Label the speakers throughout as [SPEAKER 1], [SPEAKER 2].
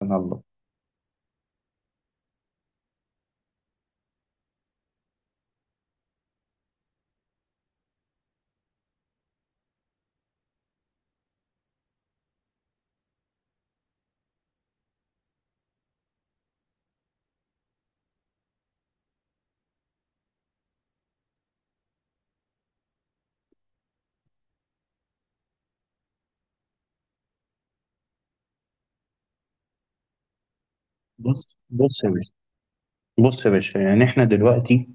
[SPEAKER 1] سبحان الله. بص يا باشا، يعني احنا دلوقتي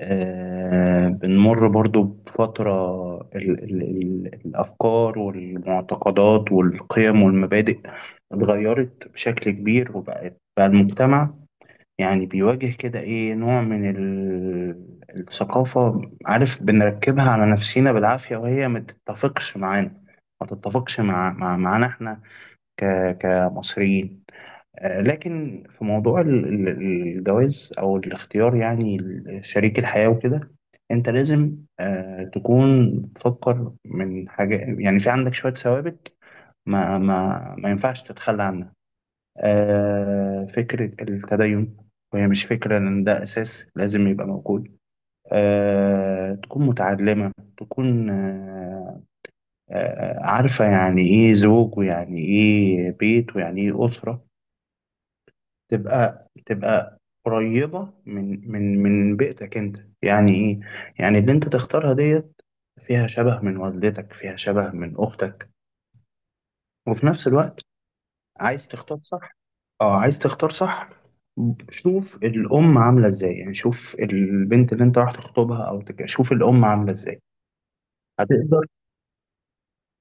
[SPEAKER 1] بنمر برضو بفترة، ال ال ال الأفكار والمعتقدات والقيم والمبادئ اتغيرت بشكل كبير، وبقت بقى المجتمع يعني بيواجه كده ايه، نوع من الثقافة، عارف، بنركبها على نفسينا بالعافية وهي ما تتفقش معانا، ما تتفقش مع معانا احنا ك كمصريين. لكن في موضوع الجواز او الاختيار، يعني شريك الحياة وكده، انت لازم تكون بتفكر من حاجة، يعني في عندك شوية ثوابت ما ينفعش تتخلى عنها. فكرة التدين، وهي مش فكرة، لأن ده أساس لازم يبقى موجود. تكون متعلمة، تكون عارفة يعني إيه زوج، ويعني إيه بيت، ويعني إيه أسرة، تبقى قريبة من من بيئتك انت، يعني ايه؟ يعني اللي انت تختارها ديت فيها شبه من والدتك، فيها شبه من اختك، وفي نفس الوقت عايز تختار صح. اه عايز تختار صح. شوف الام عاملة ازاي، يعني شوف البنت اللي انت راح تخطبها او شوف الام عاملة ازاي. هتقدر.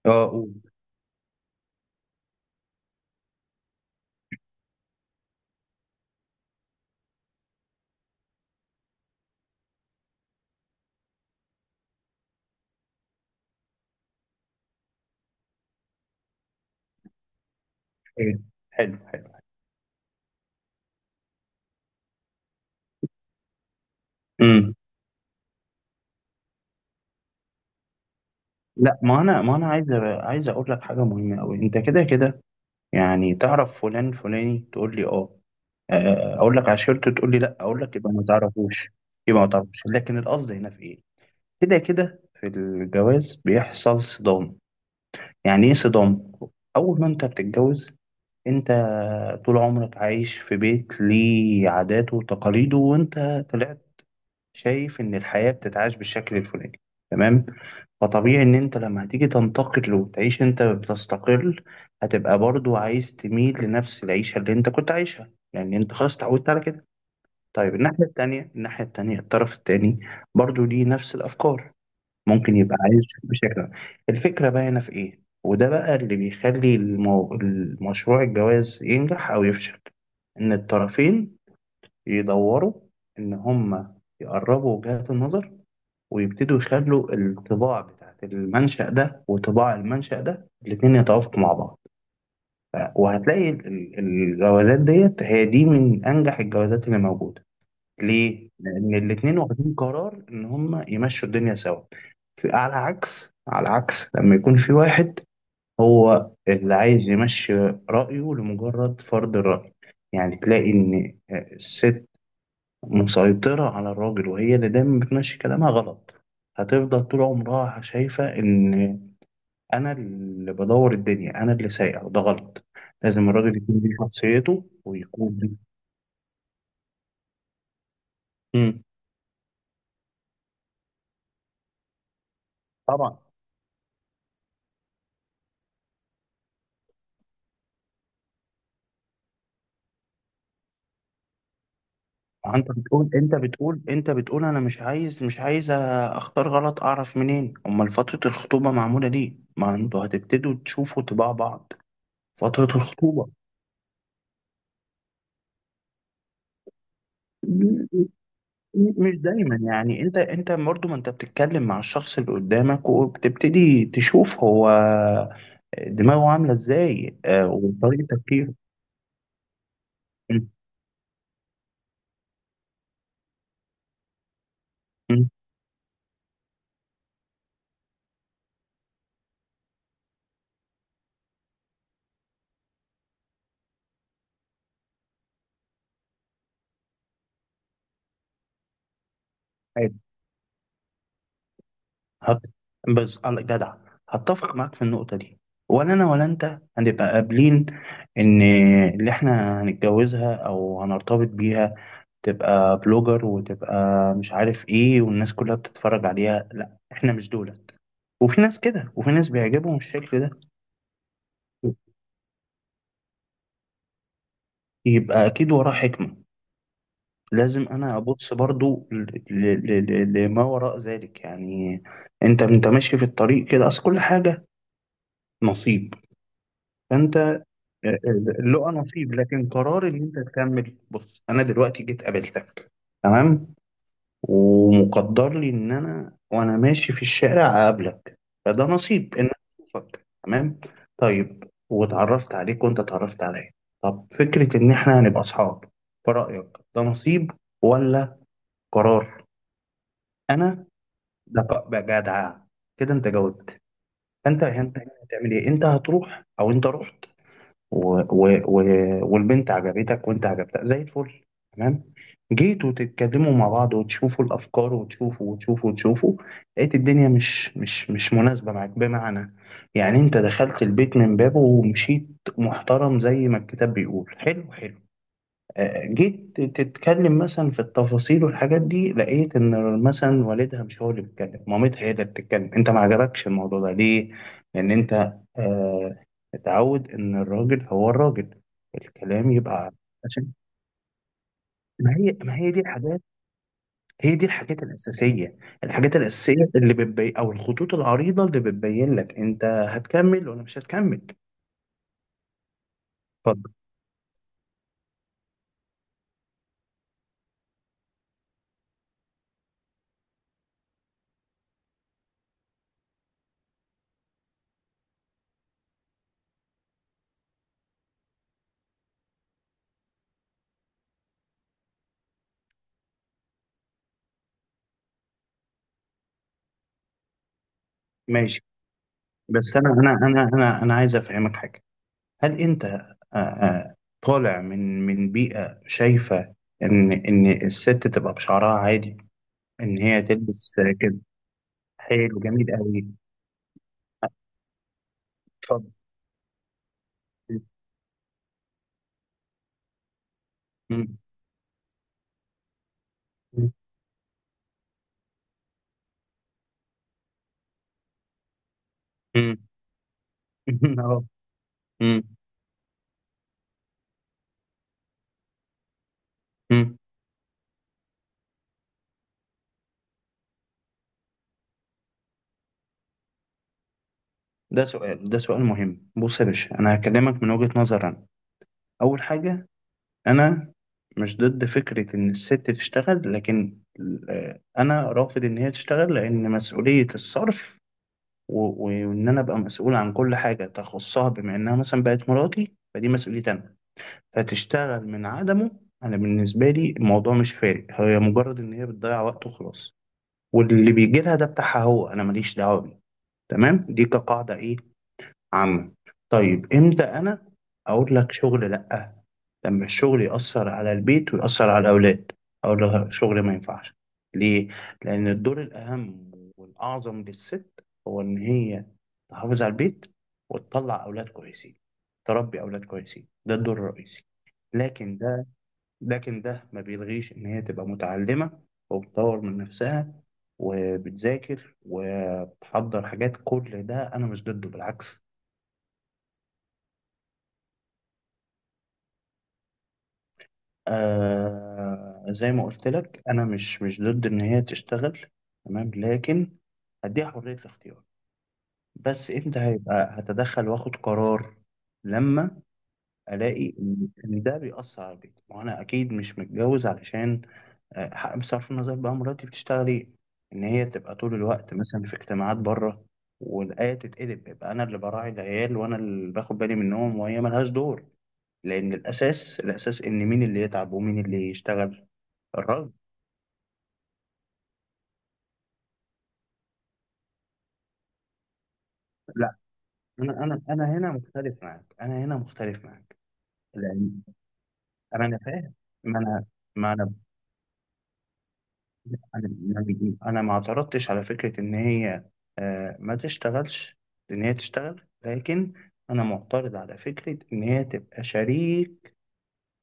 [SPEAKER 1] اه قول. حلو. حلو حلو. امم لا، ما انا ما انا عايز عايز اقول لك حاجه مهمه قوي. انت كده كده يعني تعرف فلان فلاني، تقول لي اه. اقول لك عشرته، تقول لي لا، اقول لك يبقى ما تعرفوش. يبقى ما تعرفوش، لكن القصد هنا في ايه؟ كده كده في الجواز بيحصل صدام. يعني ايه صدام؟ اول ما انت بتتجوز، انت طول عمرك عايش في بيت ليه عاداته وتقاليده، وانت طلعت شايف ان الحياة بتتعاش بالشكل الفلاني، تمام؟ فطبيعي ان انت لما هتيجي تنتقل وتعيش، انت بتستقل، هتبقى برضو عايز تميل لنفس العيشة اللي انت كنت عايشها، يعني انت خلاص اتعودت على كده. طيب الناحية التانية، الطرف التاني برضو ليه نفس الأفكار، ممكن يبقى عايز بشكل ما. الفكرة باينة في إيه؟ وده بقى اللي بيخلي المشروع، الجواز، ينجح أو يفشل. إن الطرفين يدوروا، إن هما يقربوا وجهات النظر، ويبتدوا يخلوا الطباع بتاعت المنشأ ده وطباع المنشأ ده الاتنين يتوافقوا مع بعض. وهتلاقي الجوازات ديت هي دي من أنجح الجوازات اللي موجودة. ليه؟ لأن الاتنين واخدين قرار إن هما يمشوا الدنيا سوا، على عكس، لما يكون في واحد هو اللي عايز يمشي رأيه لمجرد فرض الرأي، يعني تلاقي إن الست مسيطرة على الراجل، وهي اللي دايما بتمشي كلامها، غلط. هتفضل طول عمرها شايفة إن أنا اللي بدور الدنيا، أنا اللي سايق، وده غلط. لازم الراجل يكون ليه شخصيته ويكون دي. مم. طبعا. انت بتقول انا مش عايز، اختار غلط، اعرف منين؟ امال فترة الخطوبة معمولة ليه؟ ما انتوا هتبتدوا تشوفوا طباع بعض. فترة الخطوبة م- مش دايما، يعني انت، برضه، ما انت بتتكلم مع الشخص اللي قدامك وبتبتدي تشوف هو دماغه عاملة ازاي، وطريقة تفكيره. م- م. هت... بس جدع، هتفق معاك في النقطة دي. ولا أنا ولا أنت هنبقى قابلين إن اللي إحنا هنتجوزها أو هنرتبط بيها تبقى بلوجر، وتبقى مش عارف إيه، والناس كلها بتتفرج عليها. لا، إحنا مش دولت. وفي ناس كده، وفي ناس بيعجبهم الشكل ده. يبقى أكيد وراه حكمة، لازم أنا أبص برضو لما وراء ذلك، يعني أنت، ماشي في الطريق كده، أصل كل حاجة نصيب. فأنت اللقى نصيب، لكن قرار ان انت تكمل. بص، انا دلوقتي جيت قابلتك، تمام؟ ومقدر لي ان انا وانا ماشي في الشارع اقابلك، فده نصيب ان انا اشوفك، تمام؟ طيب، واتعرفت عليك وانت اتعرفت عليا. طب فكرة ان احنا هنبقى اصحاب، في رأيك ده نصيب ولا قرار؟ انا ده بقى جدع، كده انت جاوبت. انت انت هتعمل ايه؟ انت هتروح او انت رحت، و... و... و... والبنت عجبتك وانت عجبتها زي الفل، تمام؟ جيتوا تتكلموا مع بعض، وتشوفوا الافكار، وتشوفوا وتشوفوا وتشوفوا، لقيت الدنيا مش مناسبه معاك، بمعنى يعني انت دخلت البيت من بابه ومشيت محترم زي ما الكتاب بيقول، حلو حلو. جيت تتكلم مثلا في التفاصيل والحاجات دي، لقيت ان مثلا والدها مش هو اللي بيتكلم، مامتها هي اللي بتتكلم، انت ما عجبكش الموضوع ده. ليه؟ لان انت آه، اتعود ان الراجل هو الراجل، الكلام يبقى. عشان ما هي، دي الحاجات، هي دي الحاجات الاساسيه، الحاجات الاساسيه اللي بتبين، او الخطوط العريضه اللي بتبين لك انت هتكمل ولا مش هتكمل. اتفضل. ماشي. بس انا عايز افهمك حاجه، هل انت طالع من بيئة شايفة ان الست تبقى بشعرها عادي، ان هي تلبس كده؟ حلو جميل قوي. اتفضل. مم. مم. أهو. مم. مم. ده سؤال، مهم. بص يا باشا، انا هكلمك من وجهة نظر انا. اول حاجة، انا مش ضد فكرة ان الست تشتغل، لكن انا رافض ان هي تشتغل، لان مسؤولية الصرف وان انا ابقى مسؤول عن كل حاجه تخصها، بما انها مثلا بقت مراتي، فدي مسؤوليتي انا. فتشتغل من عدمه، انا بالنسبه لي الموضوع مش فارق، هي مجرد ان هي بتضيع وقت وخلاص، واللي بيجي لها ده بتاعها هو، انا ماليش دعوه بيه. تمام؟ دي كقاعده ايه عامه. طيب، امتى انا اقول لك شغل لا؟ لما الشغل يأثر على البيت ويأثر على الأولاد، أقول لها شغل ما ينفعش. ليه؟ لأن الدور الأهم والأعظم للست هو إن هي تحافظ على البيت وتطلع أولاد كويسين، تربي أولاد كويسين، ده الدور الرئيسي. لكن ده، ما بيلغيش إن هي تبقى متعلمة، وبتطور من نفسها، وبتذاكر، وبتحضر حاجات، كل ده أنا مش ضده، بالعكس. آه زي ما قلت لك، انا مش ضد ان هي تشتغل، تمام؟ لكن هديها حرية الاختيار. بس امتى هيبقى هتدخل واخد قرار؟ لما الاقي ان ده بيأثر على بيتي، وانا اكيد مش متجوز علشان بصرف النظر بقى مراتي بتشتغل ايه، ان هي تبقى طول الوقت مثلا في اجتماعات بره، والايه تتقلب، يبقى انا اللي براعي العيال، وانا اللي باخد بالي منهم، وهي ملهاش دور. لان الاساس، ان مين اللي يتعب ومين اللي يشتغل؟ الراجل. لا، انا هنا مختلف معاك، لان انا، أنا فاهم. ما انا ما انا انا انا ما اعترضتش على فكره ان هي ما تشتغلش، ان هي تشتغل، لكن انا معترض على فكره ان هي تبقى شريك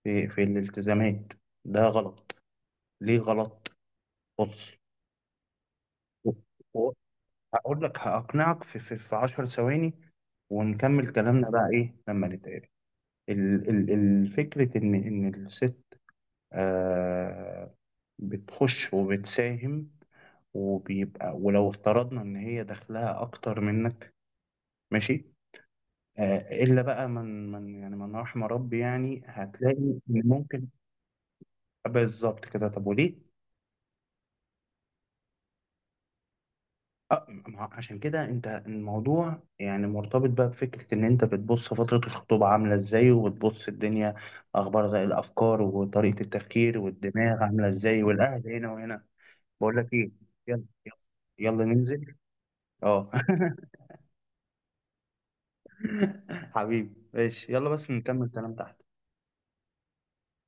[SPEAKER 1] في الالتزامات. ده غلط. ليه غلط؟ بص. و- هقول لك، هقنعك في في 10 ثواني، ونكمل كلامنا بقى ايه لما نتقابل. الفكرة إن الست آه، بتخش وبتساهم، وبيبقى، ولو افترضنا ان هي دخلها اكتر منك، ماشي، آه، الا بقى من يعني من رحم ربي، يعني هتلاقي ان ممكن. بالظبط كده. طب وليه؟ ما هو عشان كده، انت الموضوع يعني مرتبط بقى بفكره ان انت بتبص فتره الخطوبه عامله ازاي، وبتبص الدنيا اخبار، زي الافكار، وطريقه التفكير، والدماغ عامله ازاي، والاهل هنا وهنا. بقول لك ايه، يلا يلا. يلا ننزل. اه. حبيبي، ماشي، يلا بس نكمل كلام تحت.